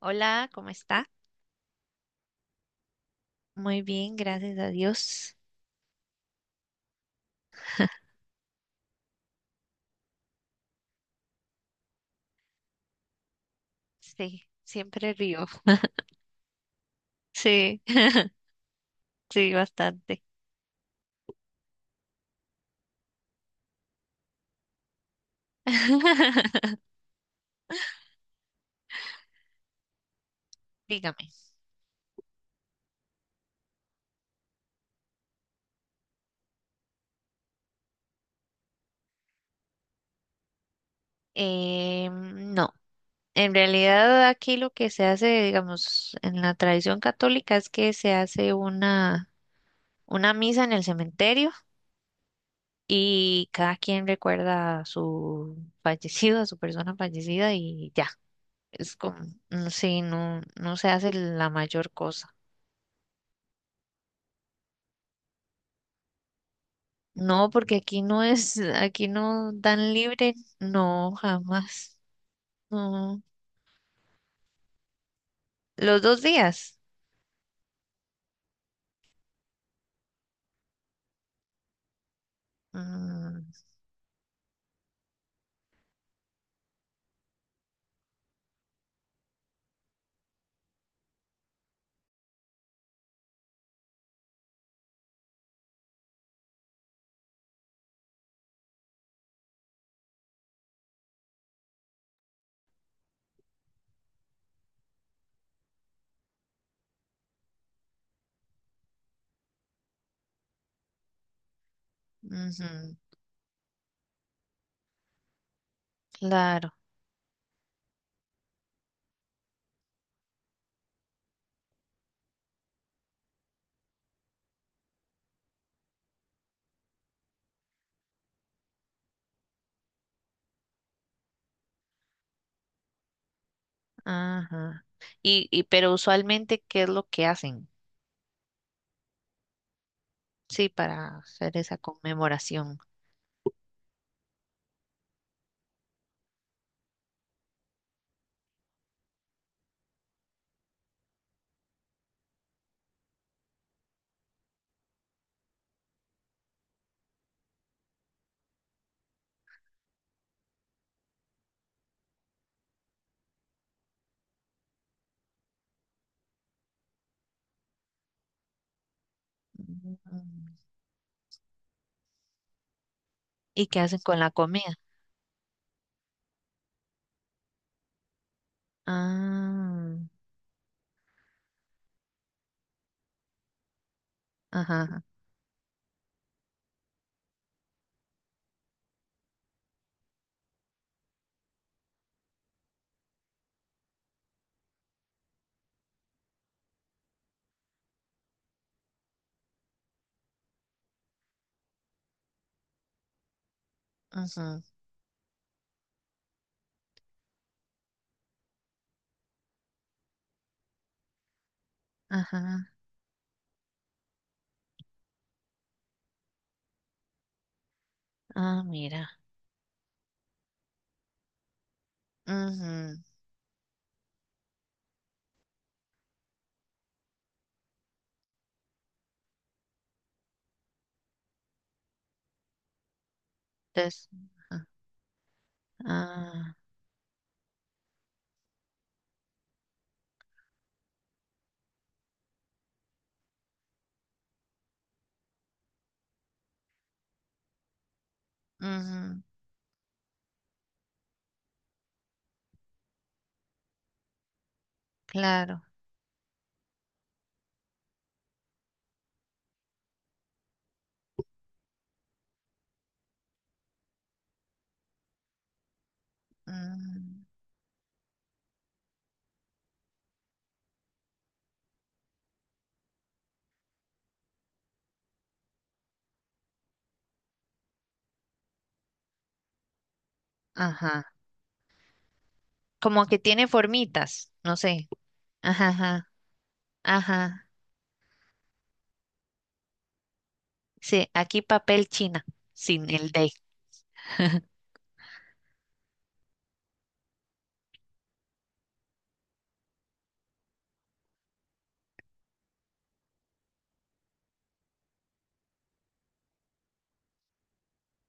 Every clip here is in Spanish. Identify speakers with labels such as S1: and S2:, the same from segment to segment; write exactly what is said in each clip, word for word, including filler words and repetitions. S1: Hola, ¿cómo está? Muy bien, gracias a Dios. Sí, siempre río. Sí, sí, bastante. Dígame. Eh, no, en realidad aquí lo que se hace, digamos, en la tradición católica es que se hace una, una misa en el cementerio y cada quien recuerda a su fallecido, a su persona fallecida y ya. Es como, mm, sí, no, no se hace la mayor cosa. No, porque aquí no es, aquí no dan libre. No, jamás. No. Los dos días. Mm, ujú, claro. Ajá. Y, y, pero usualmente, ¿qué es lo que hacen? Sí, para hacer esa conmemoración. Ujú. ¿Y qué hacen con la comida? Ah, ajá, ajá, ajá. Ah, mira. Ujú. Entonces, ajá, ah, ujú, claro. Mm, ajá. Como que tiene formitas, no sé. Ajá, ajá, ajá. Sí, aquí papel china, sin el D.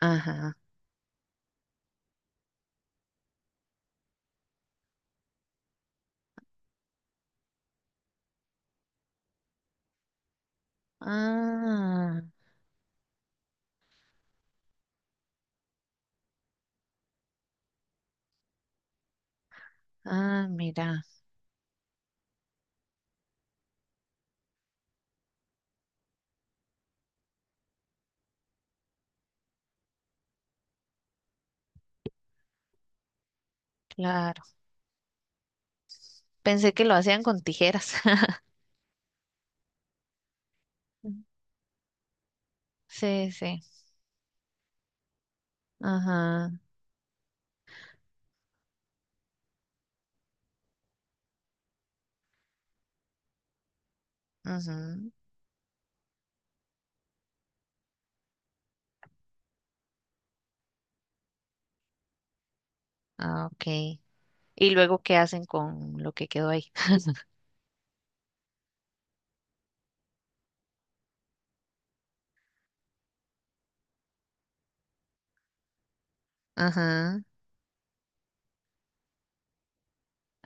S1: Ajá. Ah, ah, mira, claro. Pensé que lo hacían con tijeras. Mm. Sí, sí. Ajá, ujú. Ah, ok. Y luego, ¿qué hacen con lo que quedó ahí? Ajá.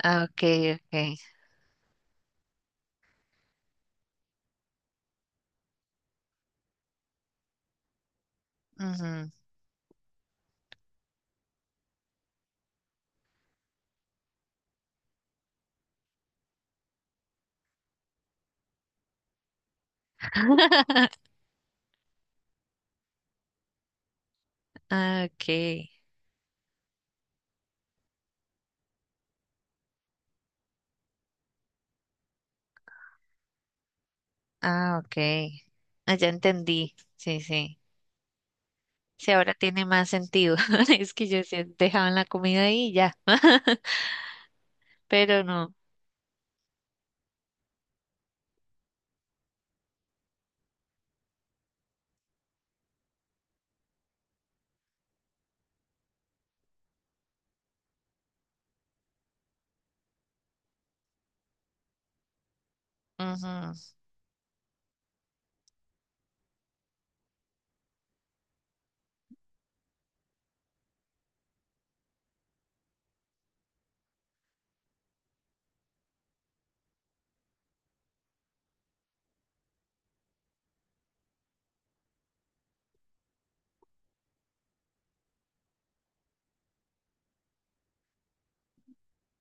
S1: Ah, ok, ok. Ujú. Ah, ok. Ah, ok. Ah, ya entendí. Sí, sí. Sí, ahora tiene más sentido. Es que yo decía, dejaban la comida ahí y ya, pero no. Ujú,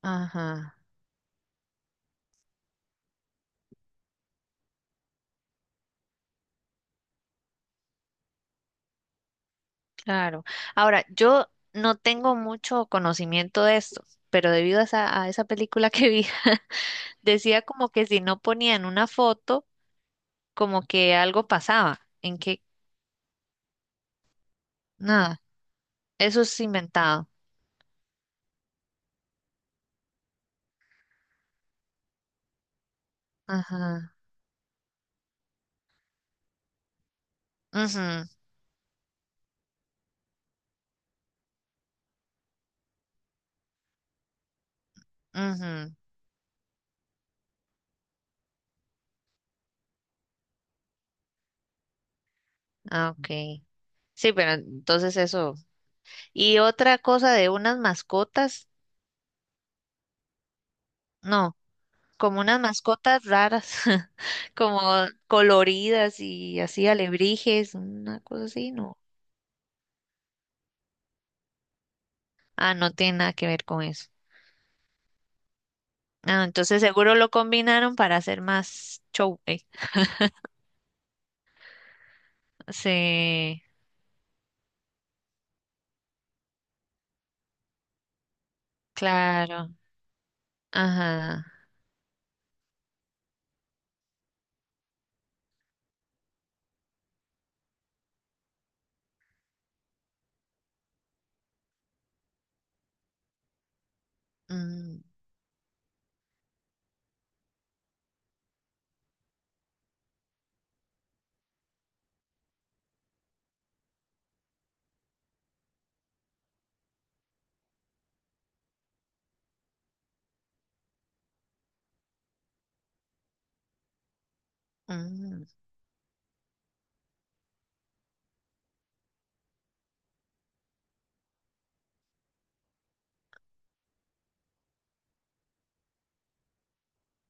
S1: ajá, claro. Ahora, yo no tengo mucho conocimiento de esto, pero debido a esa, a esa película que vi, decía como que si no ponían una foto, como que algo pasaba, en que nada, eso es inventado. Ajá. Mhm. Mhm. Ah, ok. Sí, pero entonces eso. Y otra cosa de unas mascotas, no. Como unas mascotas raras, como coloridas y así alebrijes, una cosa así, no. Ah, no tiene nada que ver con eso. Ah, entonces seguro lo combinaron para hacer más show. Eh. Sí, claro. Ajá. Mm, mm,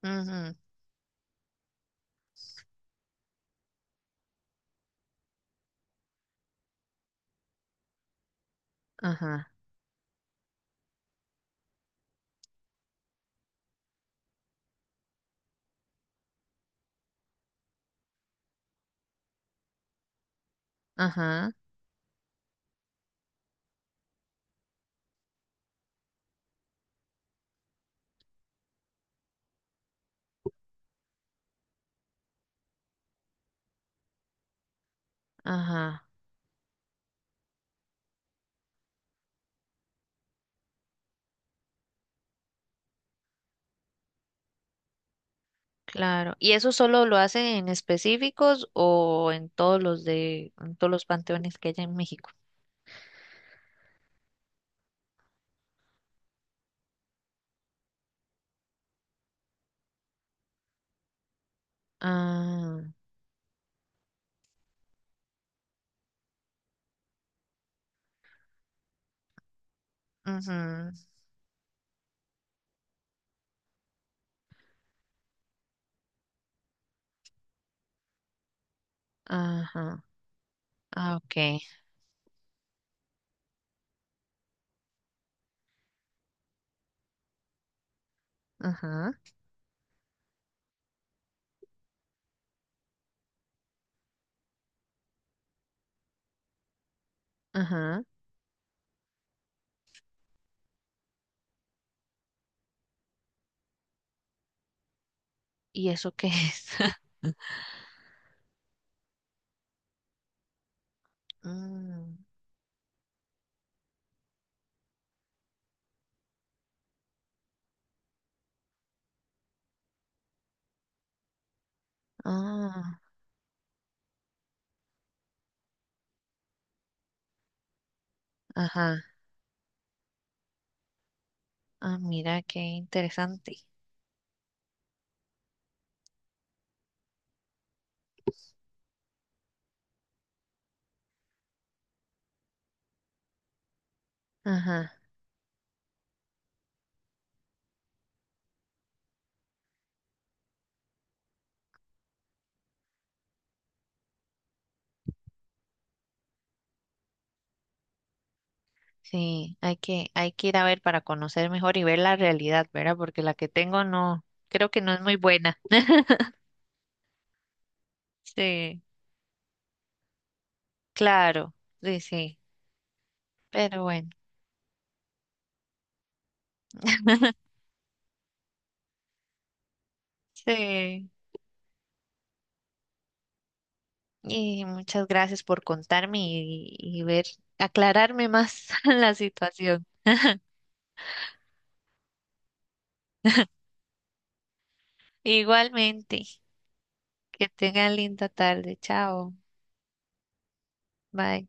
S1: ujú, ajá. Ajá. Ajá. Claro. ¿Y eso solo lo hacen en específicos o en todos los de, en todos los panteones que hay en México? Ah, ujú, ajá. Ah, ok. Ajá, ajá. ¿Y eso qué es? Mm, ah, ajá. Ah, mira qué interesante. Ajá. Sí, hay que, hay que ir a ver para conocer mejor y ver la realidad, ¿verdad? Porque la que tengo no, creo que no es muy buena. Sí, claro, sí, sí. Pero bueno, sí. Y muchas gracias por contarme y, y ver, aclararme más la situación. Igualmente. Que tengan linda tarde. Chao. Bye.